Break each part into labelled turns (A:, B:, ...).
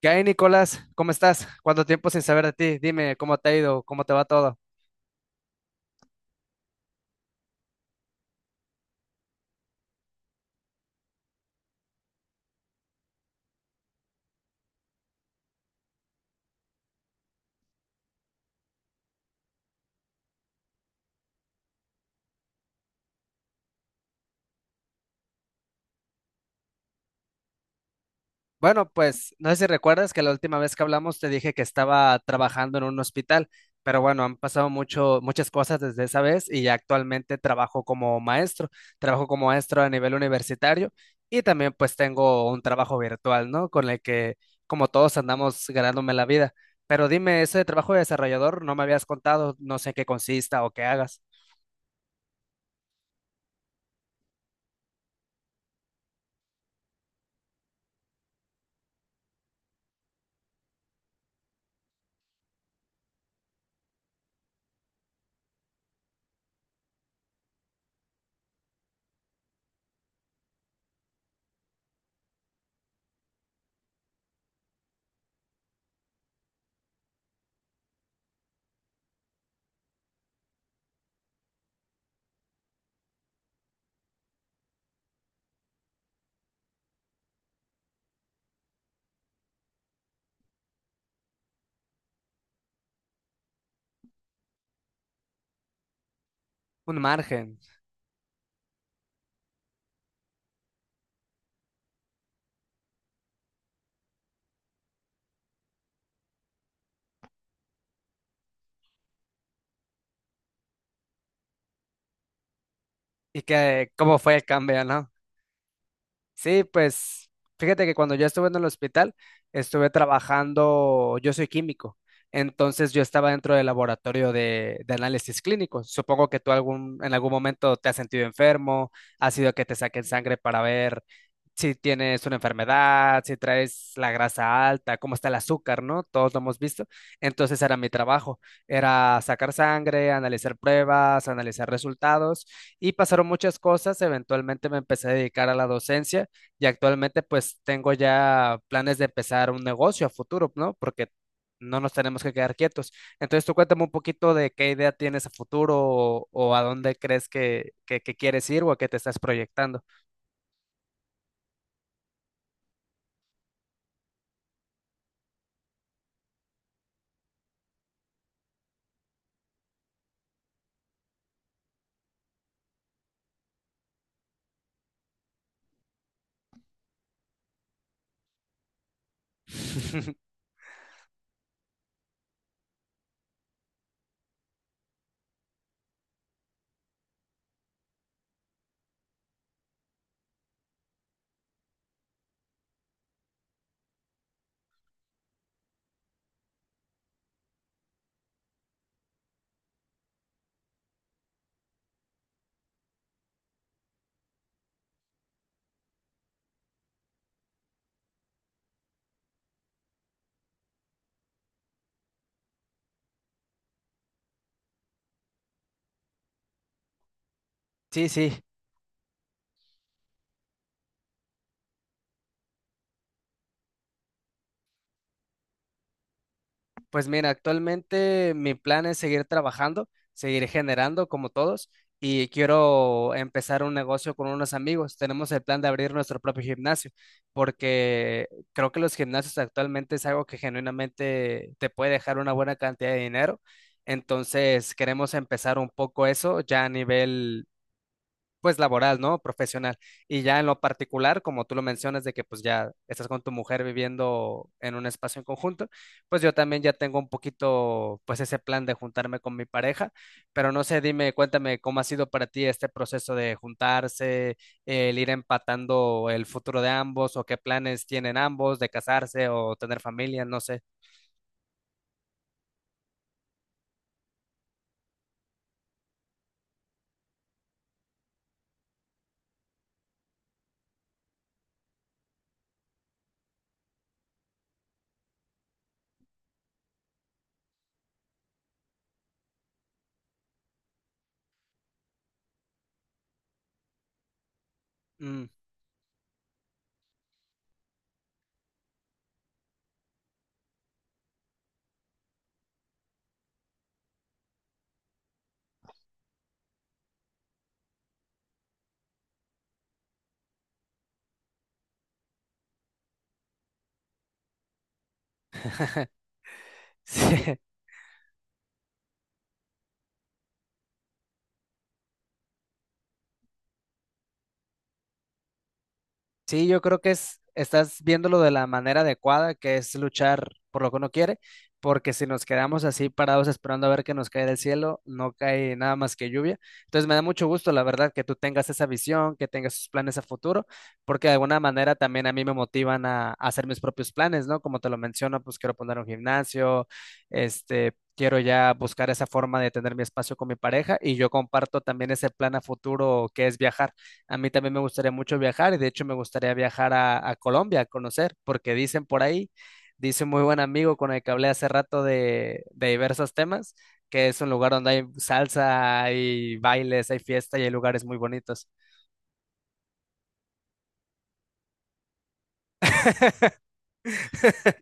A: ¿Qué hay, Nicolás? ¿Cómo estás? ¿Cuánto tiempo sin saber de ti? Dime, ¿cómo te ha ido? ¿Cómo te va todo? Bueno, pues no sé si recuerdas que la última vez que hablamos te dije que estaba trabajando en un hospital, pero bueno, han pasado muchas cosas desde esa vez y ya actualmente trabajo como maestro a nivel universitario y también pues tengo un trabajo virtual, ¿no? Con el que como todos andamos ganándome la vida. Pero dime, ese trabajo de desarrollador no me habías contado, no sé en qué consista o qué hagas. Un margen. ¿Y que cómo fue el cambio, no? Sí, pues fíjate que cuando yo estuve en el hospital, estuve trabajando, yo soy químico, entonces yo estaba dentro del laboratorio de análisis clínico. Supongo que tú en algún momento te has sentido enfermo, ha sido que te saquen sangre para ver si tienes una enfermedad, si traes la grasa alta, cómo está el azúcar, ¿no? Todos lo hemos visto. Entonces era mi trabajo, era sacar sangre, analizar pruebas, analizar resultados y pasaron muchas cosas. Eventualmente me empecé a dedicar a la docencia y actualmente pues tengo ya planes de empezar un negocio a futuro, ¿no? Porque no nos tenemos que quedar quietos. Entonces tú cuéntame un poquito de qué idea tienes a futuro o a dónde crees que quieres ir o a qué te estás proyectando. Sí, sí, pues mira, actualmente mi plan es seguir trabajando, seguir generando como todos y quiero empezar un negocio con unos amigos. Tenemos el plan de abrir nuestro propio gimnasio porque creo que los gimnasios actualmente es algo que genuinamente te puede dejar una buena cantidad de dinero. Entonces queremos empezar un poco eso ya a nivel pues laboral, ¿no? Profesional. Y ya en lo particular, como tú lo mencionas, de que pues ya estás con tu mujer viviendo en un espacio en conjunto, pues yo también ya tengo un poquito pues ese plan de juntarme con mi pareja, pero no sé, dime, cuéntame cómo ha sido para ti este proceso de juntarse, el ir empatando el futuro de ambos o qué planes tienen ambos de casarse o tener familia, no sé. Mm. Sí. Sí, yo creo que es, estás viéndolo de la manera adecuada, que es luchar por lo que uno quiere, porque si nos quedamos así parados esperando a ver que nos cae del cielo, no cae nada más que lluvia. Entonces me da mucho gusto, la verdad, que tú tengas esa visión, que tengas esos planes a futuro, porque de alguna manera también a mí me motivan a hacer mis propios planes, ¿no? Como te lo menciono, pues quiero poner un gimnasio, este... Quiero ya buscar esa forma de tener mi espacio con mi pareja y yo comparto también ese plan a futuro que es viajar. A mí también me gustaría mucho viajar y de hecho me gustaría viajar a Colombia a conocer, porque dicen por ahí, dice un muy buen amigo con el que hablé hace rato de diversos temas, que es un lugar donde hay salsa, hay bailes, hay fiesta y hay lugares muy bonitos.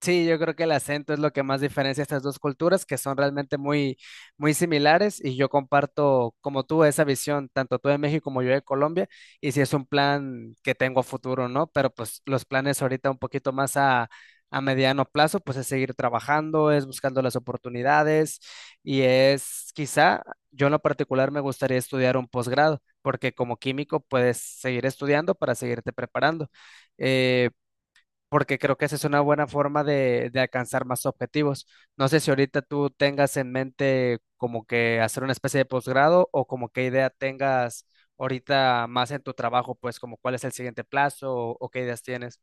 A: Sí, yo creo que el acento es lo que más diferencia estas dos culturas, que son realmente muy similares, y yo comparto como tú esa visión, tanto tú de México como yo de Colombia, y si es un plan que tengo a futuro, ¿no? Pero pues los planes ahorita un poquito más a mediano plazo, pues es seguir trabajando, es buscando las oportunidades, y es quizá, yo en lo particular me gustaría estudiar un posgrado, porque como químico puedes seguir estudiando para seguirte preparando. Eh, Porque creo que esa es una buena forma de alcanzar más objetivos. No sé si ahorita tú tengas en mente como que hacer una especie de posgrado o como qué idea tengas ahorita más en tu trabajo, pues como cuál es el siguiente plazo o qué ideas tienes.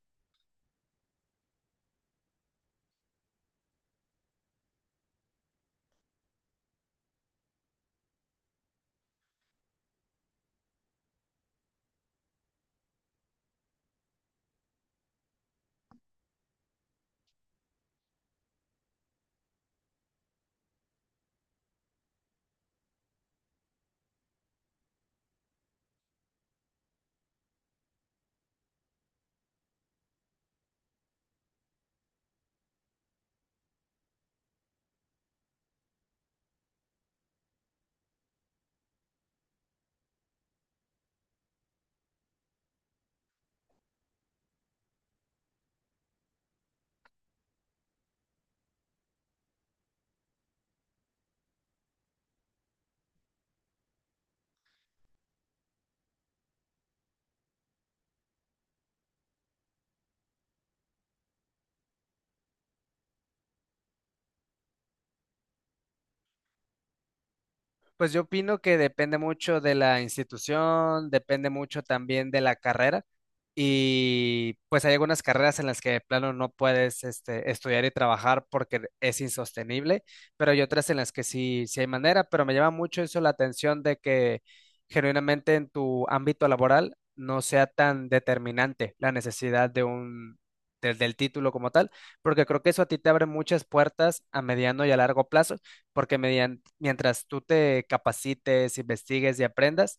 A: Pues yo opino que depende mucho de la institución, depende mucho también de la carrera y pues hay algunas carreras en las que de plano no puedes este, estudiar y trabajar porque es insostenible, pero hay otras en las que sí, sí hay manera, pero me llama mucho eso la atención de que genuinamente en tu ámbito laboral no sea tan determinante la necesidad de un... del título como tal, porque creo que eso a ti te abre muchas puertas a mediano y a largo plazo porque mientras tú te capacites, investigues y aprendas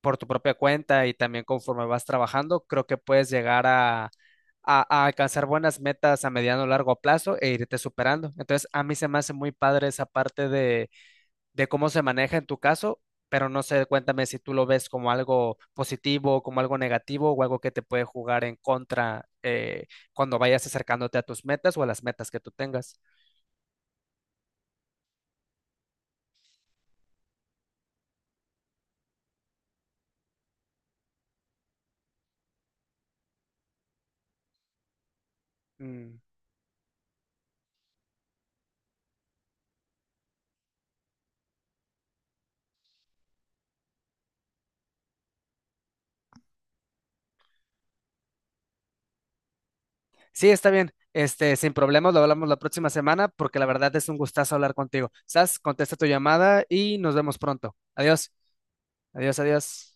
A: por tu propia cuenta y también conforme vas trabajando, creo que puedes llegar a alcanzar buenas metas a mediano o largo plazo e irte superando. Entonces, a mí se me hace muy padre esa parte de cómo se maneja en tu caso, pero no sé, cuéntame si tú lo ves como algo positivo, como algo negativo o algo que te puede jugar en contra cuando vayas acercándote a tus metas o a las metas que tú tengas. Sí, está bien. Este, sin problemas, lo hablamos la próxima semana porque la verdad es un gustazo hablar contigo. Sas, contesta tu llamada y nos vemos pronto. Adiós, adiós, adiós.